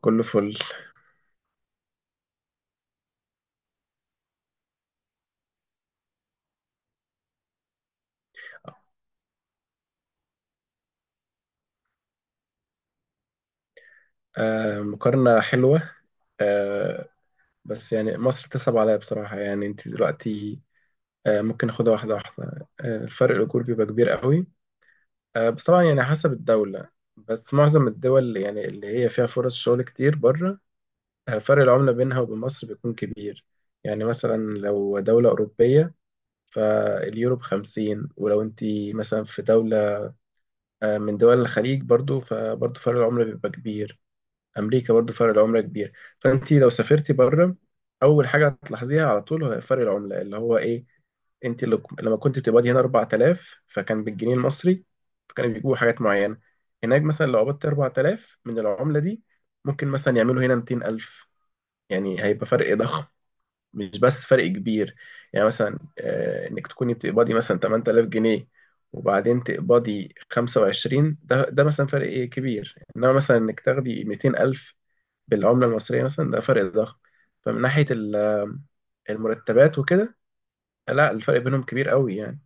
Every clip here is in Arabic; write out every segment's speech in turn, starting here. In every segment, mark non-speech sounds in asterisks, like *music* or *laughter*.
كله فل. مقارنة حلوة. آه بس يعني مصر بتصعب عليا بصراحة. يعني انت دلوقتي ممكن ناخدها واحدة واحدة. الفرق، الأجور بيبقى كبير قوي. بس طبعا يعني حسب الدولة. بس معظم الدول اللي اللي هي فيها فرص شغل كتير بره، فرق العملة بينها وبين مصر بيكون كبير. يعني مثلا لو دولة أوروبية، فاليورو بخمسين. ولو انت مثلا في دولة، من دول الخليج، برضو فرق العملة بيبقى كبير. امريكا برضو فرق العمله كبير. فانت لو سافرتي بره، اول حاجه هتلاحظيها على طول هو فرق العمله اللي هو ايه. انت لما كنت بتقبضي هنا 4000 فكان بالجنيه المصري، فكانوا بيجيبوا حاجات معينه. هناك مثلا لو قبضت 4000 من العمله دي، ممكن مثلا يعملوا هنا 200000. يعني هيبقى فرق ضخم، مش بس فرق كبير. يعني مثلا انك تكوني بتقبضي مثلا 8000 جنيه، وبعدين تقبضي 25، ده مثلا فرق إيه كبير. انما مثلا انك تاخدي 200000 بالعملة المصرية مثلا، ده فرق ضخم. فمن ناحية المرتبات وكده، لا الفرق بينهم كبير قوي يعني.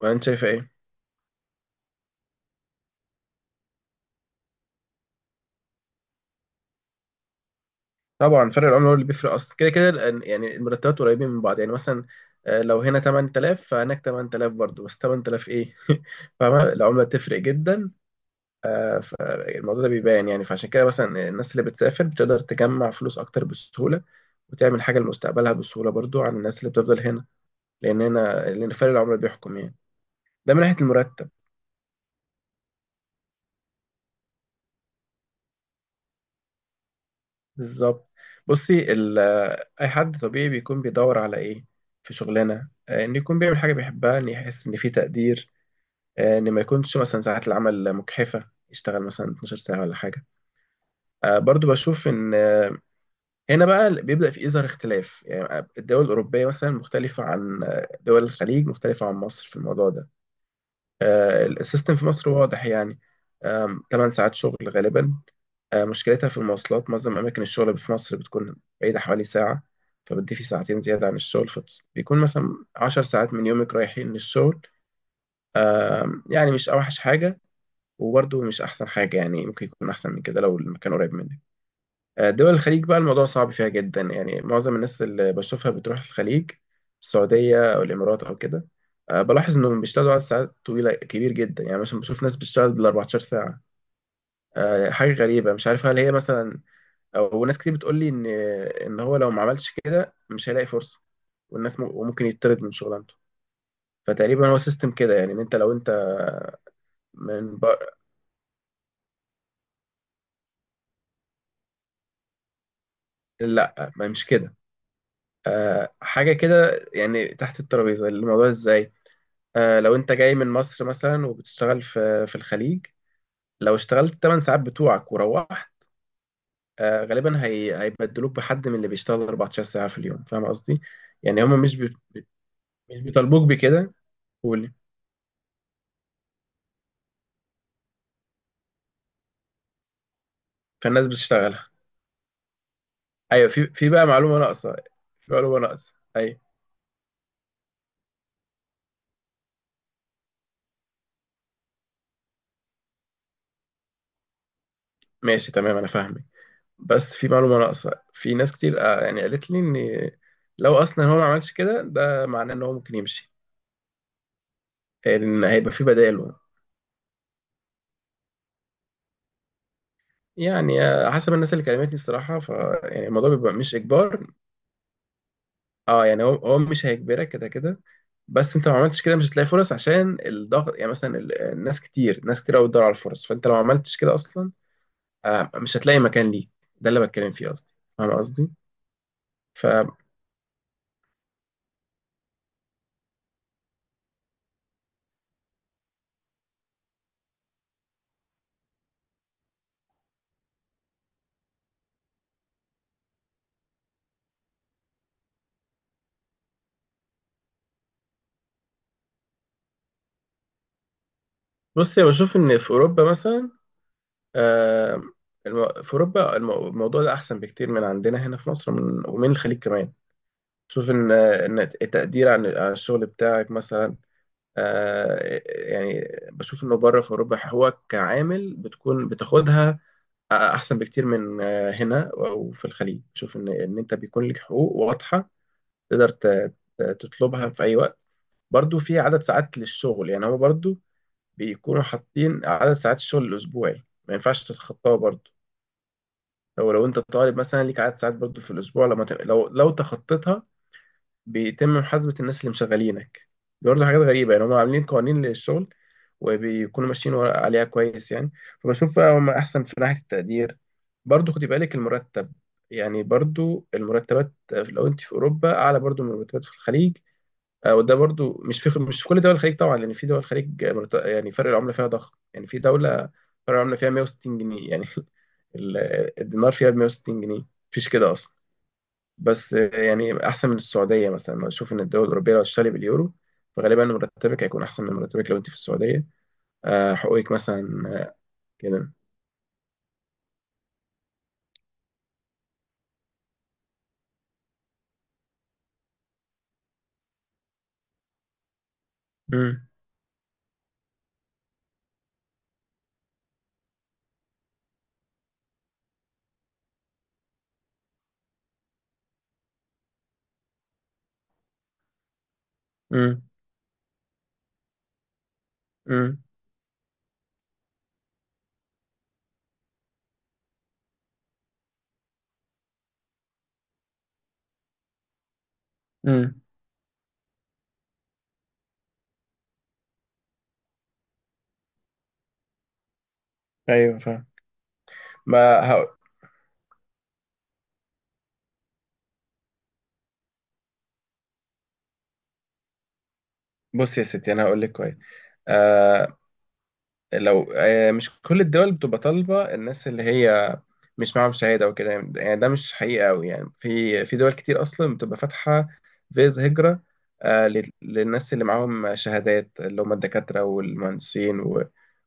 ولا انت شايفة ايه؟ طبعا فرق العملة هو اللي بيفرق اصلا كده كده يعني المرتبات قريبين من بعض. يعني مثلا لو هنا 8000 فهناك 8000 برضه، بس 8000 ايه *laughs* فاهمة؟ العملة تفرق جدا. فالموضوع ده بيبان يعني. فعشان كده مثلا الناس اللي بتسافر بتقدر تجمع فلوس اكتر بسهولة، وتعمل حاجة لمستقبلها بسهولة برضو عن الناس اللي بتفضل هنا. لأن هنا، لأن فرق العملة بيحكم يعني. ده من ناحية المرتب. بالظبط. بصي ال- اي حد طبيعي بيكون بيدور على ايه في شغلانه؟ ان يكون بيعمل حاجه بيحبها، ان يحس ان في تقدير، ان ما يكونش مثلا ساعات العمل مجحفه، يشتغل مثلا 12 ساعه ولا حاجه. برضو بشوف ان هنا بقى بيبدا في يظهر اختلاف. يعني الدول الاوروبيه مثلا مختلفه عن دول الخليج، مختلفه عن مصر في الموضوع ده. السيستم في مصر واضح يعني. 8 ساعات شغل غالبا. مشكلتها في المواصلات. معظم أماكن الشغل في مصر بتكون بعيدة حوالي ساعة، فبتضيفي ساعتين زيادة عن الشغل، فبيكون مثلا 10 ساعات من يومك رايحين للشغل. يعني مش أوحش حاجة، وبرضه مش أحسن حاجة يعني. ممكن يكون أحسن من كده لو المكان قريب منك. دول الخليج بقى الموضوع صعب فيها جدا. يعني معظم الناس اللي بشوفها بتروح الخليج، السعودية أو الإمارات أو كده، بلاحظ إنهم بيشتغلوا على ساعات طويلة كبير جدا. يعني مثلا بشوف ناس بتشتغل بال 14 ساعة. حاجة غريبة مش عارف هل هي مثلا. وناس كتير بتقول لي ان، ان هو لو ما عملش كده مش هيلاقي فرصه. وممكن يطرد من شغلانته. فتقريبا هو سيستم كده، يعني ان انت لو انت من بر... لا، ما مش كده. أه حاجه كده، يعني تحت الترابيزه الموضوع ازاي. أه لو انت جاي من مصر مثلا وبتشتغل في الخليج، لو اشتغلت 8 ساعات بتوعك وروحت، أه غالبا هيبدلوك بحد من اللي بيشتغل 14 ساعه في اليوم. فاهم قصدي؟ يعني هم مش بيطالبوك بكده. قولي. فالناس بتشتغل. ايوه، في بقى معلومه ناقصه. في معلومه ناقصه ايوه. ماشي تمام، انا فاهمك. بس في معلومه ناقصه. في ناس كتير يعني قالت لي ان، لو اصلا هو ما عملش كده، ده معناه ان هو ممكن يمشي، ان هيبقى في بداله. يعني حسب الناس اللي كلمتني الصراحه، ف يعني الموضوع بيبقى مش اجبار. اه يعني هو مش هيجبرك كده كده، بس انت لو ما عملتش كده مش هتلاقي فرص، عشان الضغط. يعني مثلا ال- الناس كتير ناس كتير قوي بتدور على الفرص، فانت لو ما عملتش كده اصلا مش هتلاقي مكان ليك. ده اللي بتكلم فيه قصدي. فاهم قصدي؟ بص أنا بشوف إن في أوروبا مثلا، آه، في أوروبا الموضوع ده أحسن بكتير من عندنا هنا في مصر ومن الخليج كمان. شوف إن إن التقدير عن الشغل بتاعك مثلا آه، يعني، بشوف إنه بره في أوروبا هو كعامل بتكون بتاخدها أحسن بكتير من هنا أو في الخليج. بشوف إن أنت بيكون لك حقوق واضحة، تقدر تطلبها في أي وقت. برضو في عدد ساعات للشغل. يعني هو برضو بيكونوا حاطين عدد ساعات الشغل الاسبوعي، ما ينفعش تتخطاها. برضو لو انت طالب مثلا ليك عدد ساعات برضو في الاسبوع، لما ت... لو لو تخطيتها، بيتم محاسبه الناس اللي مشغلينك. دي برضو حاجات غريبه يعني، هم عاملين قوانين للشغل، وبيكونوا ماشيين عليها كويس يعني. فبشوف هم احسن في ناحيه التقدير. برضو خدي بالك المرتب. يعني برضو المرتبات لو انت في اوروبا اعلى برضو من المرتبات في الخليج. وده برضو مش في كل دول الخليج طبعا. لان في دول الخليج يعني فرق العمله فيها ضخم. يعني في دوله فرق العمله فيها 160 جنيه يعني *laughs* ال- الدينار فيها ب 160 جنيه، مفيش كده اصلا. بس يعني احسن من السعوديه مثلا. انا اشوف ان الدول الاوروبيه، لو هتشتري باليورو، فغالبا مرتبك هيكون احسن من مرتبك لو انت في السعوديه. حقوقك مثلا كده. امم امم امم امم ايوه فاهم. ما هقول. بص يا ستي انا هقول لك كويس. لو مش كل الدول بتبقى طالبة الناس اللي هي مش معاهم شهادة وكده. يعني ده مش حقيقة أوي. يعني في دول كتير أصلا بتبقى فاتحة فيز هجرة للناس اللي معاهم شهادات، اللي هم الدكاترة والمهندسين و،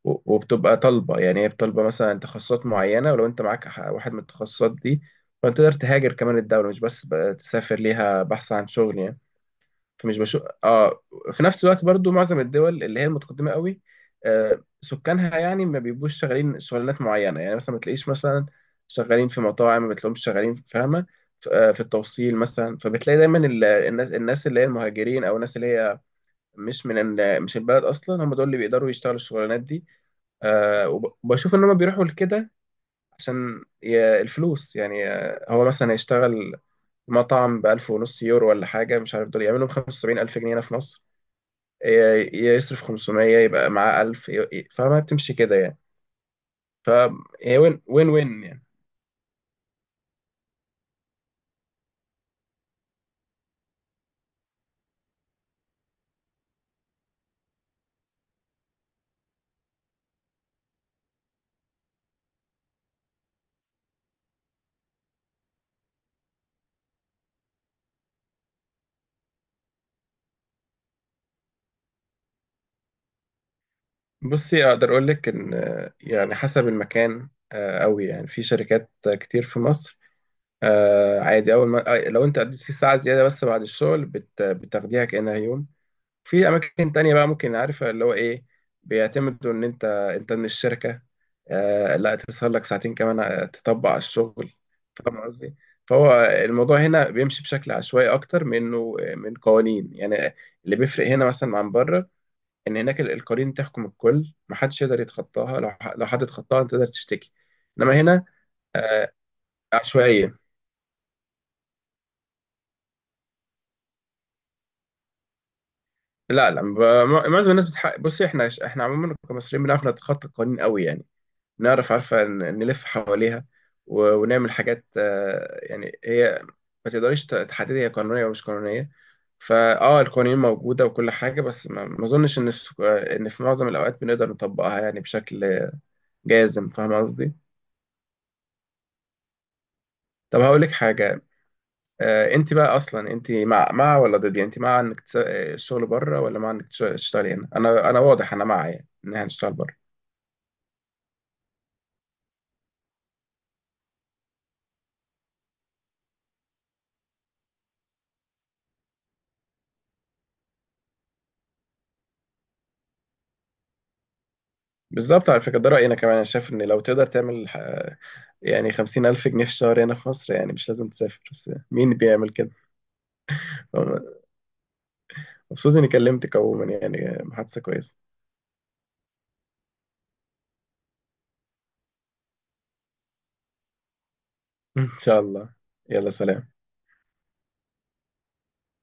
وبتبقى طالبة. يعني هي بتطلبة مثلا تخصصات معينة، ولو أنت معاك واحد من التخصصات دي، فأنت تقدر تهاجر كمان الدولة، مش بس بقى تسافر ليها بحث عن شغل يعني. فمش بشوف اه. في نفس الوقت برضو معظم الدول اللي هي المتقدمه قوي، سكانها يعني ما بيبقوش شغالين شغلانات معينه. يعني مثلا ما تلاقيش مثلا شغالين في مطاعم، ما بتلاقيهمش شغالين. فاهمه؟ في التوصيل مثلا، فبتلاقي دايما الناس اللي هي المهاجرين، او الناس اللي هي مش من مش البلد اصلا، هم دول اللي بيقدروا يشتغلوا الشغلانات دي. آه وبشوف ان هم بيروحوا لكده عشان الفلوس يعني. هو مثلا يشتغل مطعم بألف ونص يورو ولا حاجة، مش عارف، دول يعملهم 75 ألف جنيه هنا في مصر، يصرف 500 يبقى معاه 1000 فما بتمشي كده يعني. فهي وين وين وين يعني. بصي اقدر اقول لك ان يعني حسب المكان قوي. يعني في شركات كتير في مصر عادي اول ما لو انت قضيت فيه ساعه زياده بس بعد الشغل، بتاخديها كانها يوم. في اماكن تانية بقى ممكن، عارفة اللي هو ايه، بيعتمدوا ان انت، انت من الشركة آه لا تسهر لك ساعتين كمان تطبق على الشغل. فاهم قصدي؟ فهو الموضوع هنا بيمشي بشكل عشوائي اكتر منه من قوانين يعني. اللي بيفرق هنا مثلا عن بره، ان هناك القوانين تحكم الكل، محدش يقدر يتخطاها. لو لو حد اتخطاها انت تقدر تشتكي. انما هنا عشوائية. لا لا معظم الناس بتحق. بص احنا عموما كمصريين بنعرف نتخطى القوانين قوي يعني. نعرف، عارفة، نلف حواليها، ونعمل حاجات يعني هي ما تقدريش تحددي هي قانونية أو مش قانونية. فاه القوانين موجودة وكل حاجة، بس ما أظنش إن إن في معظم الأوقات بنقدر نطبقها يعني بشكل جازم. فاهم قصدي؟ طب هقول لك حاجة، أنت بقى أصلا أنت مع ولا ضد؟ يعني أنت مع إنك الشغل بره، ولا مع إنك تشتغلي هنا؟ أنا واضح، أنا مع، يعني إن إحنا نشتغل بره. بالظبط، على فكرة ده رأيي أنا كمان. أنا شايف إن لو تقدر تعمل يعني 50000 جنيه في الشهر هنا في مصر، يعني مش لازم تسافر. بس مين بيعمل كده؟ مبسوط إني كلمتك عموما، يعني محادثة كويسة. *laughs* إن شاء الله. يلا سلام.